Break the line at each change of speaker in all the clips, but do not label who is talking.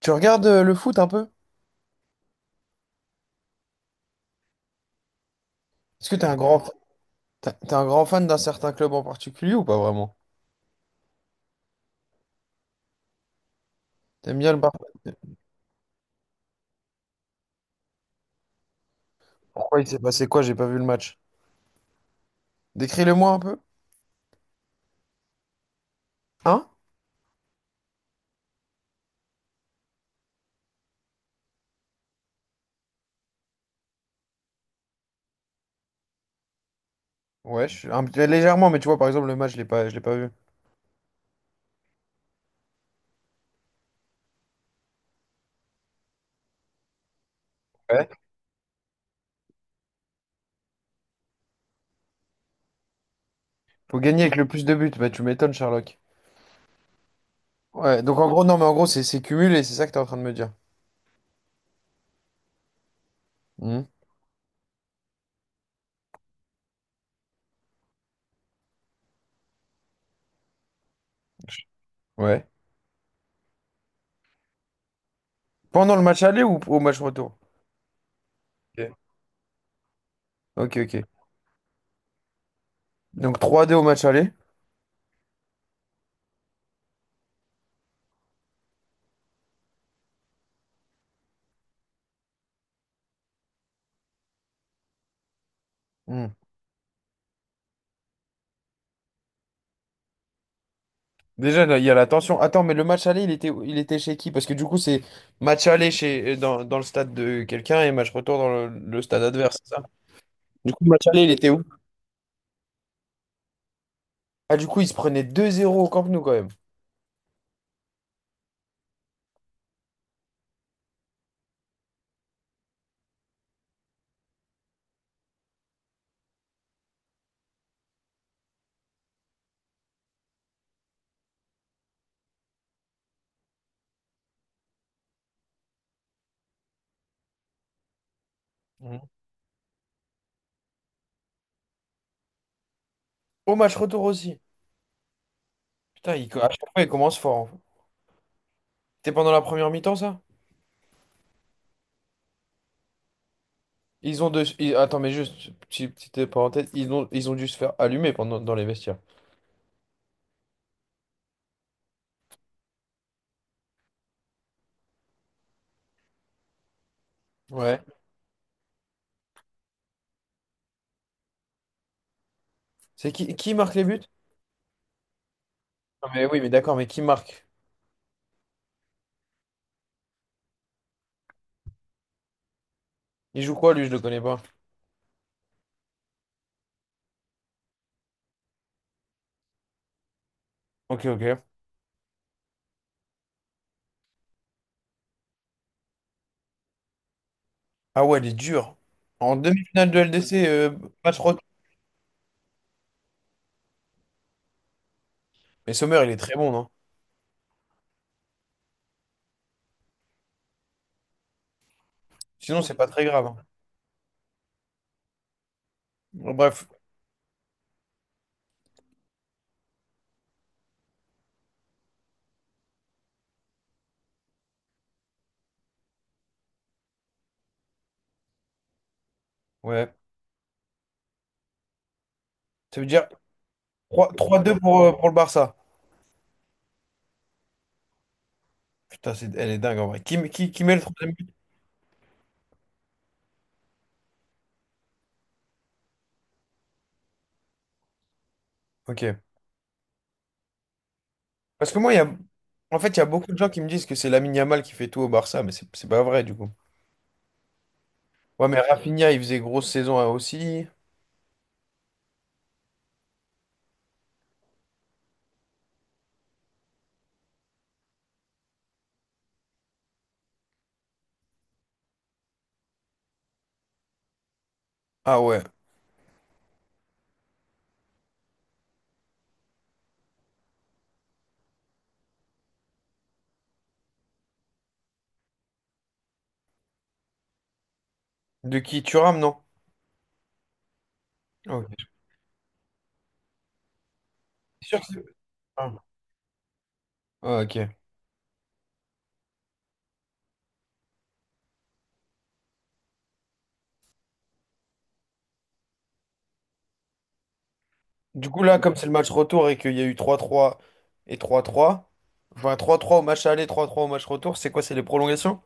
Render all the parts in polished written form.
Tu regardes le foot un peu? Est-ce que t'es un grand fan d'un certain club en particulier ou pas vraiment? T'aimes bien le Barça? Pourquoi il s'est passé quoi? J'ai pas vu le match. Décris-le-moi un peu. Hein? Ouais, je suis légèrement, mais tu vois, par exemple, le match, je l'ai pas vu. Ouais. Faut gagner avec le plus de buts. Bah, tu m'étonnes, Sherlock. Ouais, donc en gros, non, mais en gros, c'est cumulé, c'est ça que t'es en train de me dire. Hmm. Ouais. Pendant le match aller ou au match retour? Ok, ok. Ok. Donc 3-2 au match aller. Hmm. Déjà, là, il y a la tension. Attends, mais le match aller, il était chez qui? Parce que du coup, c'est match aller dans le stade de quelqu'un et match retour dans le stade adverse, c'est ça? Du coup, match aller, il était où? Ah, du coup, il se prenait 2-0 au Camp Nou quand même. Mhm. Au match retour aussi. Putain, il, à chaque fois, il commence fort en fait. C'était pendant la première mi-temps, ça? Ils ont deux... ils- Attends, mais juste, petite, petite parenthèse, ils ont dû se faire allumer dans les vestiaires. Ouais. C'est qui marque les buts? Ah, mais oui, mais d'accord, mais qui marque? Il joue quoi, lui? Je le connais pas. Ok, ok. Ah ouais, elle est dure. En demi-finale de LDC, match retour. Mais Sommer, il est très bon, non? Sinon, c'est pas très grave, hein. Bon, bref, ouais. Ça veut dire trois, trois, deux pour le Barça. Putain, elle est dingue en vrai. Qui met le troisième but? Ok. Parce que moi, en fait, il y a beaucoup de gens qui me disent que c'est Lamine Yamal qui fait tout au Barça, mais c'est pas vrai, du coup. Ouais, mais Rafinha, il faisait grosse saison, hein, aussi. Ah ouais. De qui? Thuram, non? Ah, ok. C'est sûr que c'est. Ah, ah, ok. Du coup, là, comme c'est le match retour et qu'il y a eu trois trois et trois trois, enfin trois trois au match aller, trois trois au match retour, c'est quoi? C'est les prolongations?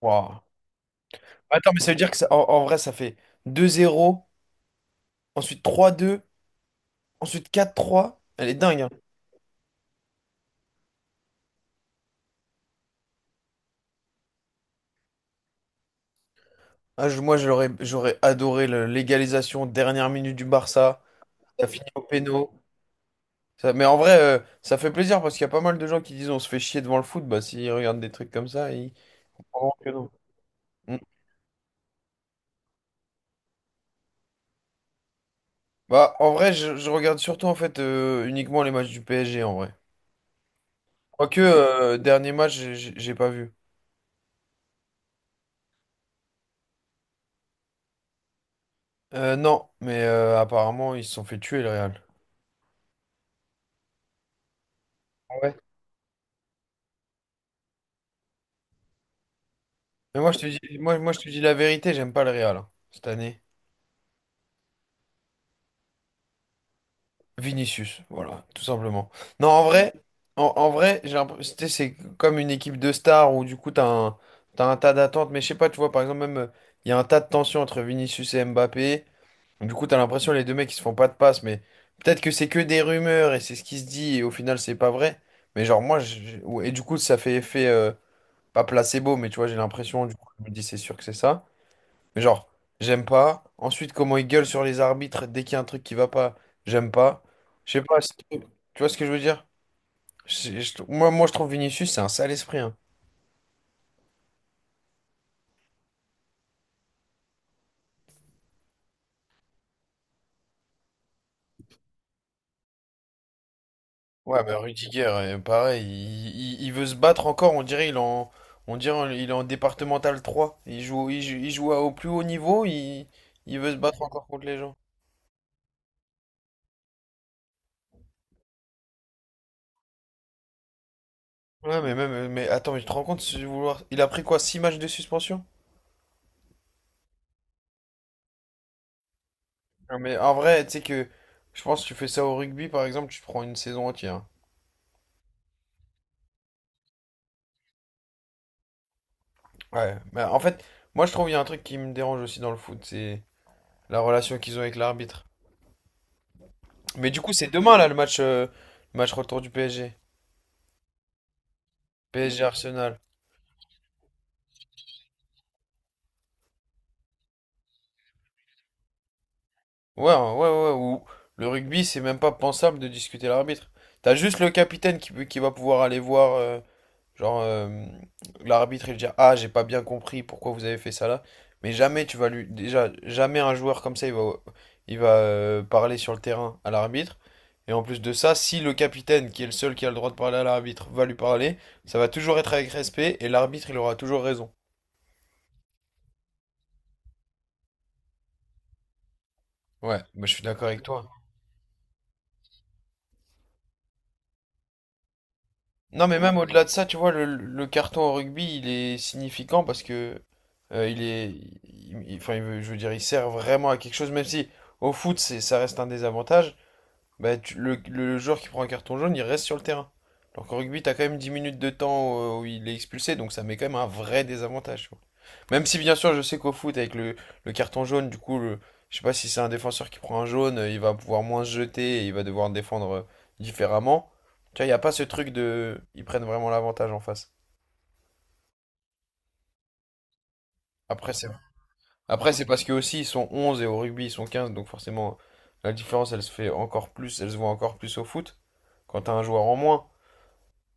Wow. Attends, mais ça veut dire que en vrai, ça fait 2-0, ensuite 3-2, ensuite 4-3. Elle est dingue, hein. Ah, moi, j'aurais adoré l'égalisation, dernière minute du Barça. Ça finit au péno. Mais en vrai, ça fait plaisir parce qu'il y a pas mal de gens qui disent on se fait chier devant le foot. Bah, s'ils regardent des trucs comme ça, ils. Oh, que non. Bah, en vrai, je regarde surtout en fait uniquement les matchs du PSG en vrai. Quoique, dernier match, j'ai pas vu. Non, mais apparemment, ils se sont fait tuer le Real. Ah ouais. Mais moi, je te dis, moi, je te dis la vérité, j'aime pas le Real, hein, cette année. Vinicius, voilà, tout simplement. Non, en vrai, en vrai, j'ai l'impression, tu sais, c'est comme une équipe de stars où du coup, t'as un tas d'attentes. Mais je sais pas, tu vois, par exemple, même, il y a un tas de tensions entre Vinicius et Mbappé. Du coup, t'as l'impression les deux mecs ils se font pas de passe, mais peut-être que c'est que des rumeurs et c'est ce qui se dit et au final c'est pas vrai. Mais genre moi, ouais, et du coup ça fait effet pas placebo, mais tu vois j'ai l'impression du coup je me dis c'est sûr que c'est ça. Mais genre j'aime pas. Ensuite comment ils gueulent sur les arbitres dès qu'il y a un truc qui va pas, j'aime pas. Je sais pas. Tu vois ce que je veux dire? Moi je trouve Vinicius c'est un sale esprit, hein. Ouais, bah Rudiger, pareil, il veut se battre encore, on dirait il est en départemental 3. Il joue au plus haut niveau, il veut se battre encore contre les gens. Ouais, mais même, mais attends, mais tu te rends compte, si vouloir... il a pris quoi, 6 matchs de suspension? Non, mais en vrai, tu sais je pense que tu fais ça au rugby, par exemple, tu te prends une saison entière. Ouais, mais en fait, moi je trouve il y a un truc qui me dérange aussi dans le foot, c'est la relation qu'ils ont avec l'arbitre. Mais du coup, c'est demain là le match retour du PSG. PSG Arsenal. Ouais, ouais, ouais, ouais. Ou le rugby, c'est même pas pensable de discuter l'arbitre. T'as juste le capitaine qui va pouvoir aller voir, genre, l'arbitre et lui dire, Ah, j'ai pas bien compris pourquoi vous avez fait ça là. Mais jamais tu vas lui. Déjà, jamais un joueur comme ça, il va parler sur le terrain à l'arbitre. Et en plus de ça, si le capitaine, qui est le seul qui a le droit de parler à l'arbitre, va lui parler, ça va toujours être avec respect et l'arbitre, il aura toujours raison. Ouais, moi je suis d'accord avec toi. Non, mais même au-delà de ça, tu vois, le carton au rugby, il est significant parce que il est, il- enfin, je veux dire, il sert vraiment à quelque chose, même si au foot, ça reste un désavantage. Bah, le joueur qui prend un carton jaune, il reste sur le terrain. Alors qu'en rugby, t'as quand même 10 minutes de temps où il est expulsé, donc ça met quand même un vrai désavantage, tu vois. Même si, bien sûr, je sais qu'au foot, avec le carton jaune, du coup, je sais pas si c'est un défenseur qui prend un jaune, il va pouvoir moins se jeter et il va devoir défendre différemment. Tu vois, il n'y a pas ce truc de. Ils prennent vraiment l'avantage en face. Après, c'est après, c'est parce que aussi ils sont 11 et au rugby, ils sont 15 donc forcément, la différence, elle se fait encore plus, elle se voit encore plus au foot quand t'as un joueur en moins.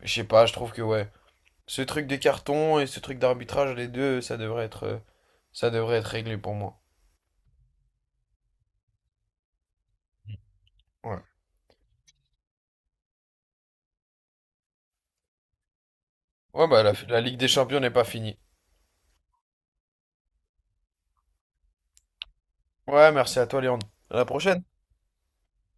Je sais pas, je trouve que ouais. Ce truc des cartons et ce truc d'arbitrage, les deux, ça devrait être réglé pour moi. Ouais. Ouais, bah la Ligue des Champions n'est pas finie. Ouais, merci à toi, Léon. À la prochaine.